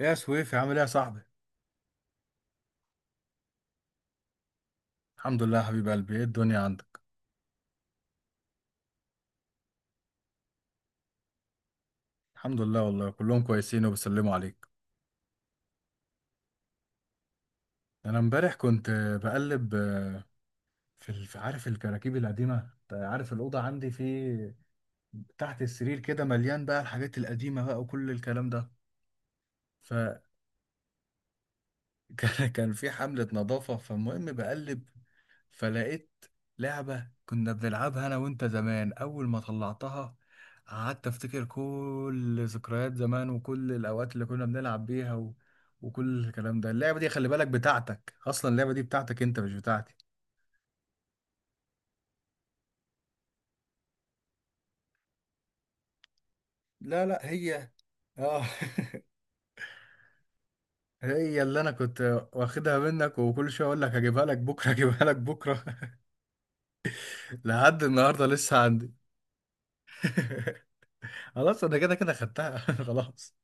ايه يا سويفي، عامل ايه يا صاحبي؟ الحمد لله يا حبيب قلبي، ايه الدنيا عندك؟ الحمد لله والله كلهم كويسين وبيسلموا عليك. انا امبارح كنت بقلب، عارف الكراكيب القديمه، أنت عارف الاوضه عندي في تحت السرير كده، مليان بقى الحاجات القديمه بقى وكل الكلام ده. كان في حملة نظافة، فالمهم بقلب، فلقيت لعبة كنا بنلعبها أنا وأنت زمان. أول ما طلعتها، قعدت أفتكر كل ذكريات زمان وكل الأوقات اللي كنا بنلعب بيها وكل الكلام ده. اللعبة دي خلي بالك بتاعتك، أصلا اللعبة دي بتاعتك أنت مش بتاعتي. لا، لا، هي. اه. هي اللي انا كنت واخدها منك، وكل شويه اقول لك هجيبها لك بكره، هجيبها لك بكره. لحد النهارده لسه عندي. خلاص انا كده كده خدتها. خلاص.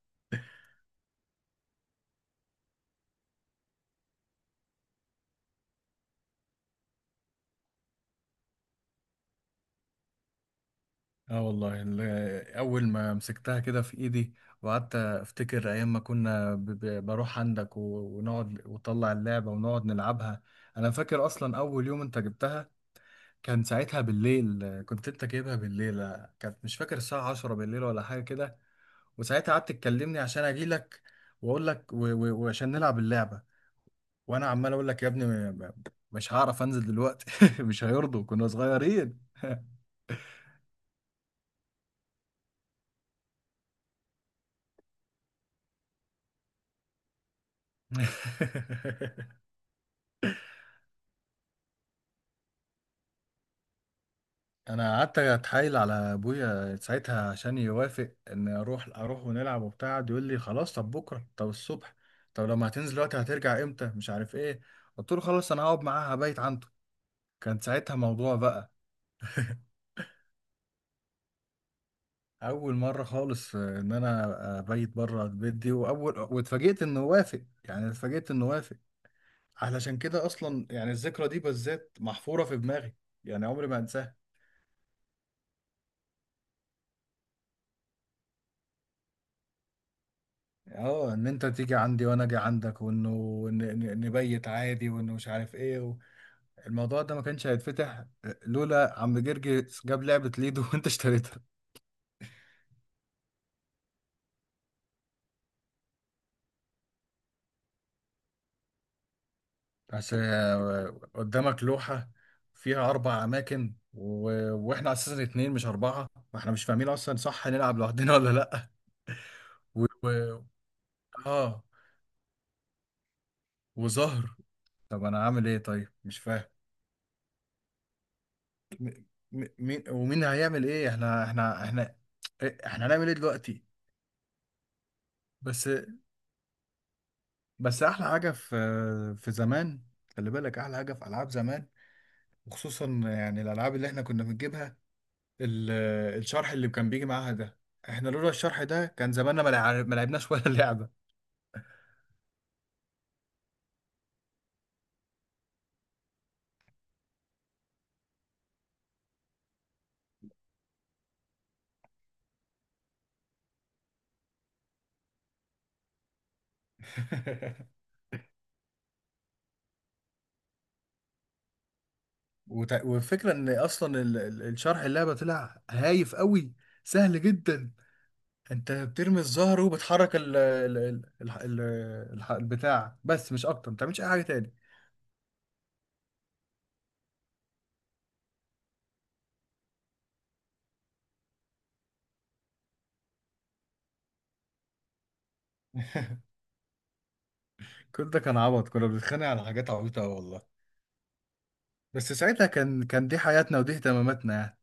اه والله، اول ما مسكتها كده في ايدي، وقعدت افتكر ايام ما كنا بروح عندك، ونقعد وطلع اللعبه ونقعد نلعبها. انا فاكر اصلا اول يوم انت جبتها، كان ساعتها بالليل. كنت انت جايبها بالليل، كانت مش فاكر الساعه 10 بالليل ولا حاجه كده. وساعتها قعدت تكلمني عشان اجيلك واقول لك، وعشان نلعب اللعبه. وانا عمال اقول لك يا ابني، م- مش هعرف انزل دلوقتي. مش هيرضوا، كنا صغيرين. انا قعدت اتحايل على ابويا ساعتها عشان يوافق ان اروح، ونلعب وبتاع. قعد يقول لي خلاص، طب بكره، طب الصبح، طب لما هتنزل دلوقتي هترجع امتى، مش عارف ايه. قلت له خلاص انا هقعد معاها، هبيت عنده. كان ساعتها موضوع بقى، اول مره خالص ان انا ابيت بره البيت دي، واول، واتفاجئت انه وافق، يعني اتفاجئت انه وافق. علشان كده اصلا يعني الذكرى دي بالذات محفوره في دماغي، يعني عمري ما انساها. اه، ان انت تيجي عندي وانا اجي عندك، وانه نبيت عادي، وانه مش عارف ايه الموضوع ده ما كانش هيتفتح لولا عم جرجي جاب لعبة ليدو. وانت اشتريتها. بس، قدامك لوحة فيها اربع اماكن، واحنا اساسا اتنين مش اربعة، واحنا مش فاهمين اصلا صح نلعب لوحدنا ولا لا. و... و... اه. وظهر، طب انا عامل ايه طيب، مش فاهم. مين ومين هيعمل ايه، احنا إيه، احنا هنعمل ايه دلوقتي؟ بس. احلى حاجه في زمان، خلي بالك احلى حاجه في العاب زمان، وخصوصا يعني الالعاب اللي احنا كنا بنجيبها، ال- الشرح اللي كان بيجي معاها ده، احنا لولا الشرح ده كان زماننا ما لعبناش ولا لعبه. والفكره ان اصلا الشرح اللعبه طلع هايف قوي، سهل جدا. انت بترمي الزهر وبتحرك ال ال البتاع، بس مش اكتر، ما بتعملش اي حاجه تاني. كل ده كان عبط، كنا بنتخانق على حاجات عبيطه أوي والله. بس ساعتها كان دي حياتنا ودي اهتماماتنا يعني.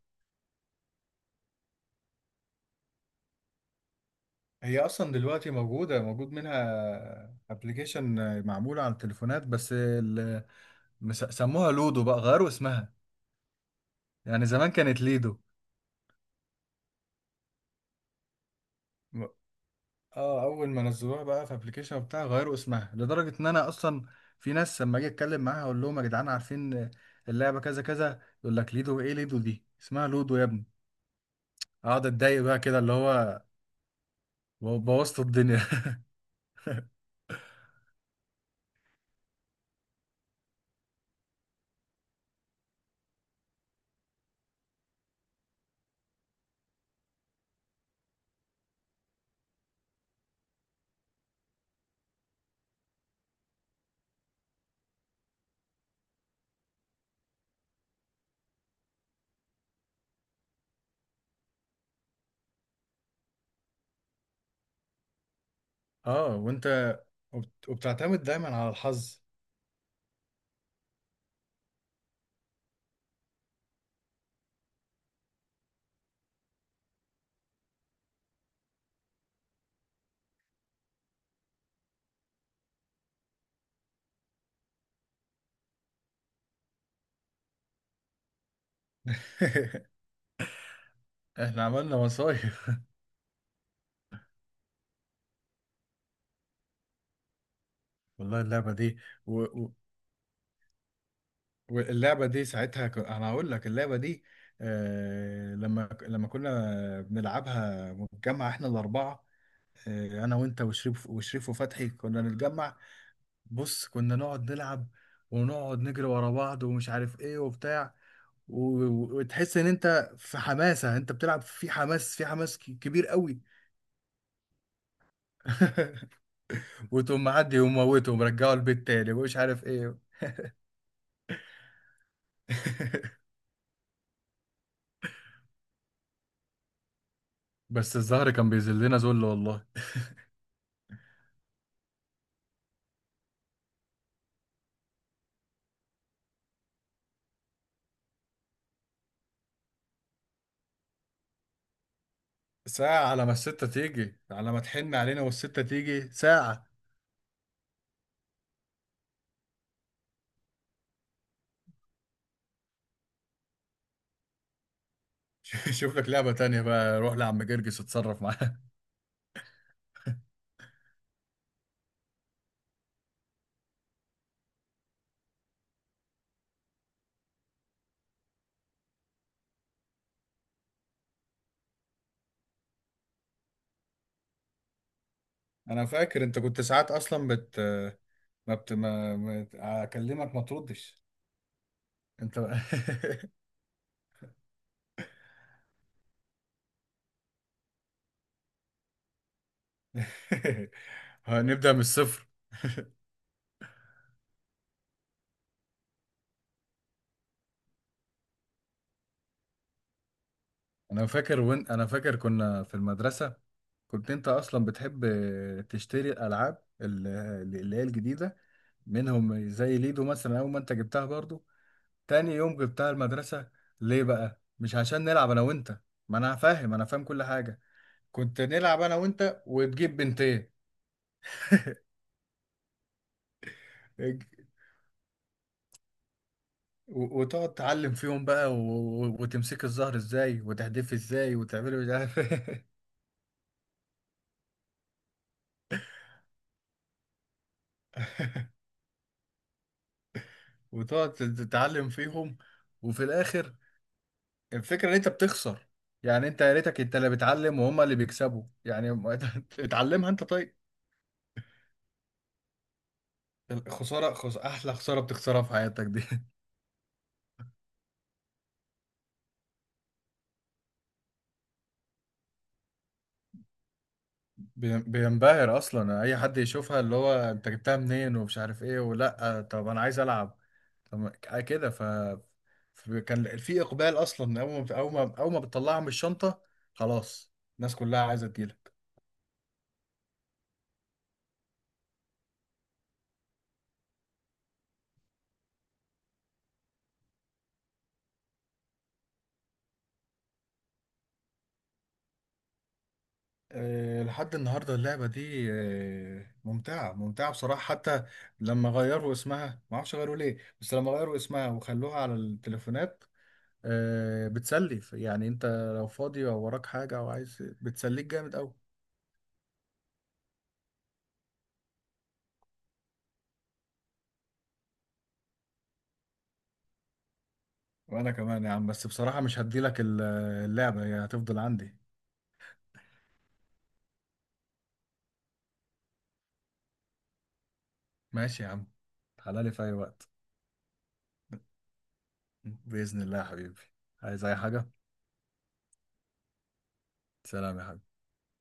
هي اصلا دلوقتي موجود منها ابلكيشن معمول على التليفونات. بس سموها لودو بقى، غيروا اسمها. يعني زمان كانت ليدو. م- اه، اول ما نزلوها بقى في ابلكيشن وبتاع غيروا اسمها، لدرجه ان انا اصلا في ناس لما اجي اتكلم معاها اقول لهم يا جدعان عارفين اللعبه كذا كذا، يقول لك ليدو، ايه ليدو، دي اسمها لودو يا ابني. اقعد اتضايق بقى كده، اللي هو بوظت الدنيا. اه. وانت وبتعتمد دايما على الحظ. احنا عملنا مصايف. والله اللعبة دي، و... و... واللعبة دي ساعتها، انا هقول لك اللعبة دي، لما كنا بنلعبها مجمع احنا الأربعة، انا وانت وشريف وفتحي كنا نتجمع. بص كنا نقعد نلعب ونقعد نجري ورا بعض، ومش عارف ايه وبتاع، و... وتحس ان انت في حماسة، انت بتلعب في حماس، كبير قوي. وتقوم معدي وموته ومرجعه البيت تاني، ومش عارف ايه. بس الزهر كان بيذلنا ذل والله. ساعة على ما الستة تيجي، على ما تحن علينا والستة تيجي، ساعة. شوف لك لعبة تانية بقى، روح لعم جرجس اتصرف معاه. انا فاكر انت كنت ساعات اصلا بت ما بت ما ما- اكلمك ما تردش، انت بقى. هنبدأ من الصفر. انا فاكر كنا في المدرسة، كنت انت اصلا بتحب تشتري الالعاب، اللي هي الجديدة منهم، زي ليدو مثلا، اول ما انت جبتها برضو تاني يوم غبتها المدرسة. ليه بقى؟ مش عشان نلعب أنا وأنت؟ ما أنا فاهم كل حاجة. كنت نلعب أنا وأنت وتجيب بنتين، اج- وتقعد تعلم فيهم بقى، وتمسك الزهر ازاي، وتحدفي ازاي، وتعملي مش عارف ايه. وتقعد تتعلم فيهم، وفي الآخر الفكرة إن أنت بتخسر، يعني أنت يا ريتك أنت اللي بتعلم وهما اللي بيكسبوا يعني. اتعلمها أنت طيب. الخسارة، أحلى خسارة بتخسرها في حياتك دي. بينبهر اصلا اي حد يشوفها، اللي هو انت جبتها منين، ومش عارف ايه، ولا طب انا عايز العب. طب كده، كان في اقبال اصلا، اول ما بتطلعها من الشنطه، خلاص، الناس كلها عايزه تجيلك. أه لحد النهارده اللعبه دي أه، ممتعه ممتعه بصراحه، حتى لما غيروا اسمها، ما اعرفش غيروا ليه، بس لما غيروا اسمها وخلوها على التليفونات، أه بتسلي يعني. انت لو فاضي او وراك حاجه او عايز، بتسليك جامد قوي. وانا كمان يا عم، بس بصراحة مش هديلك اللعبة، هي هتفضل عندي. ماشي يا عم، تعالى لي في اي وقت، بإذن الله يا حبيبي، عايز اي حاجة. سلام يا حبيبي.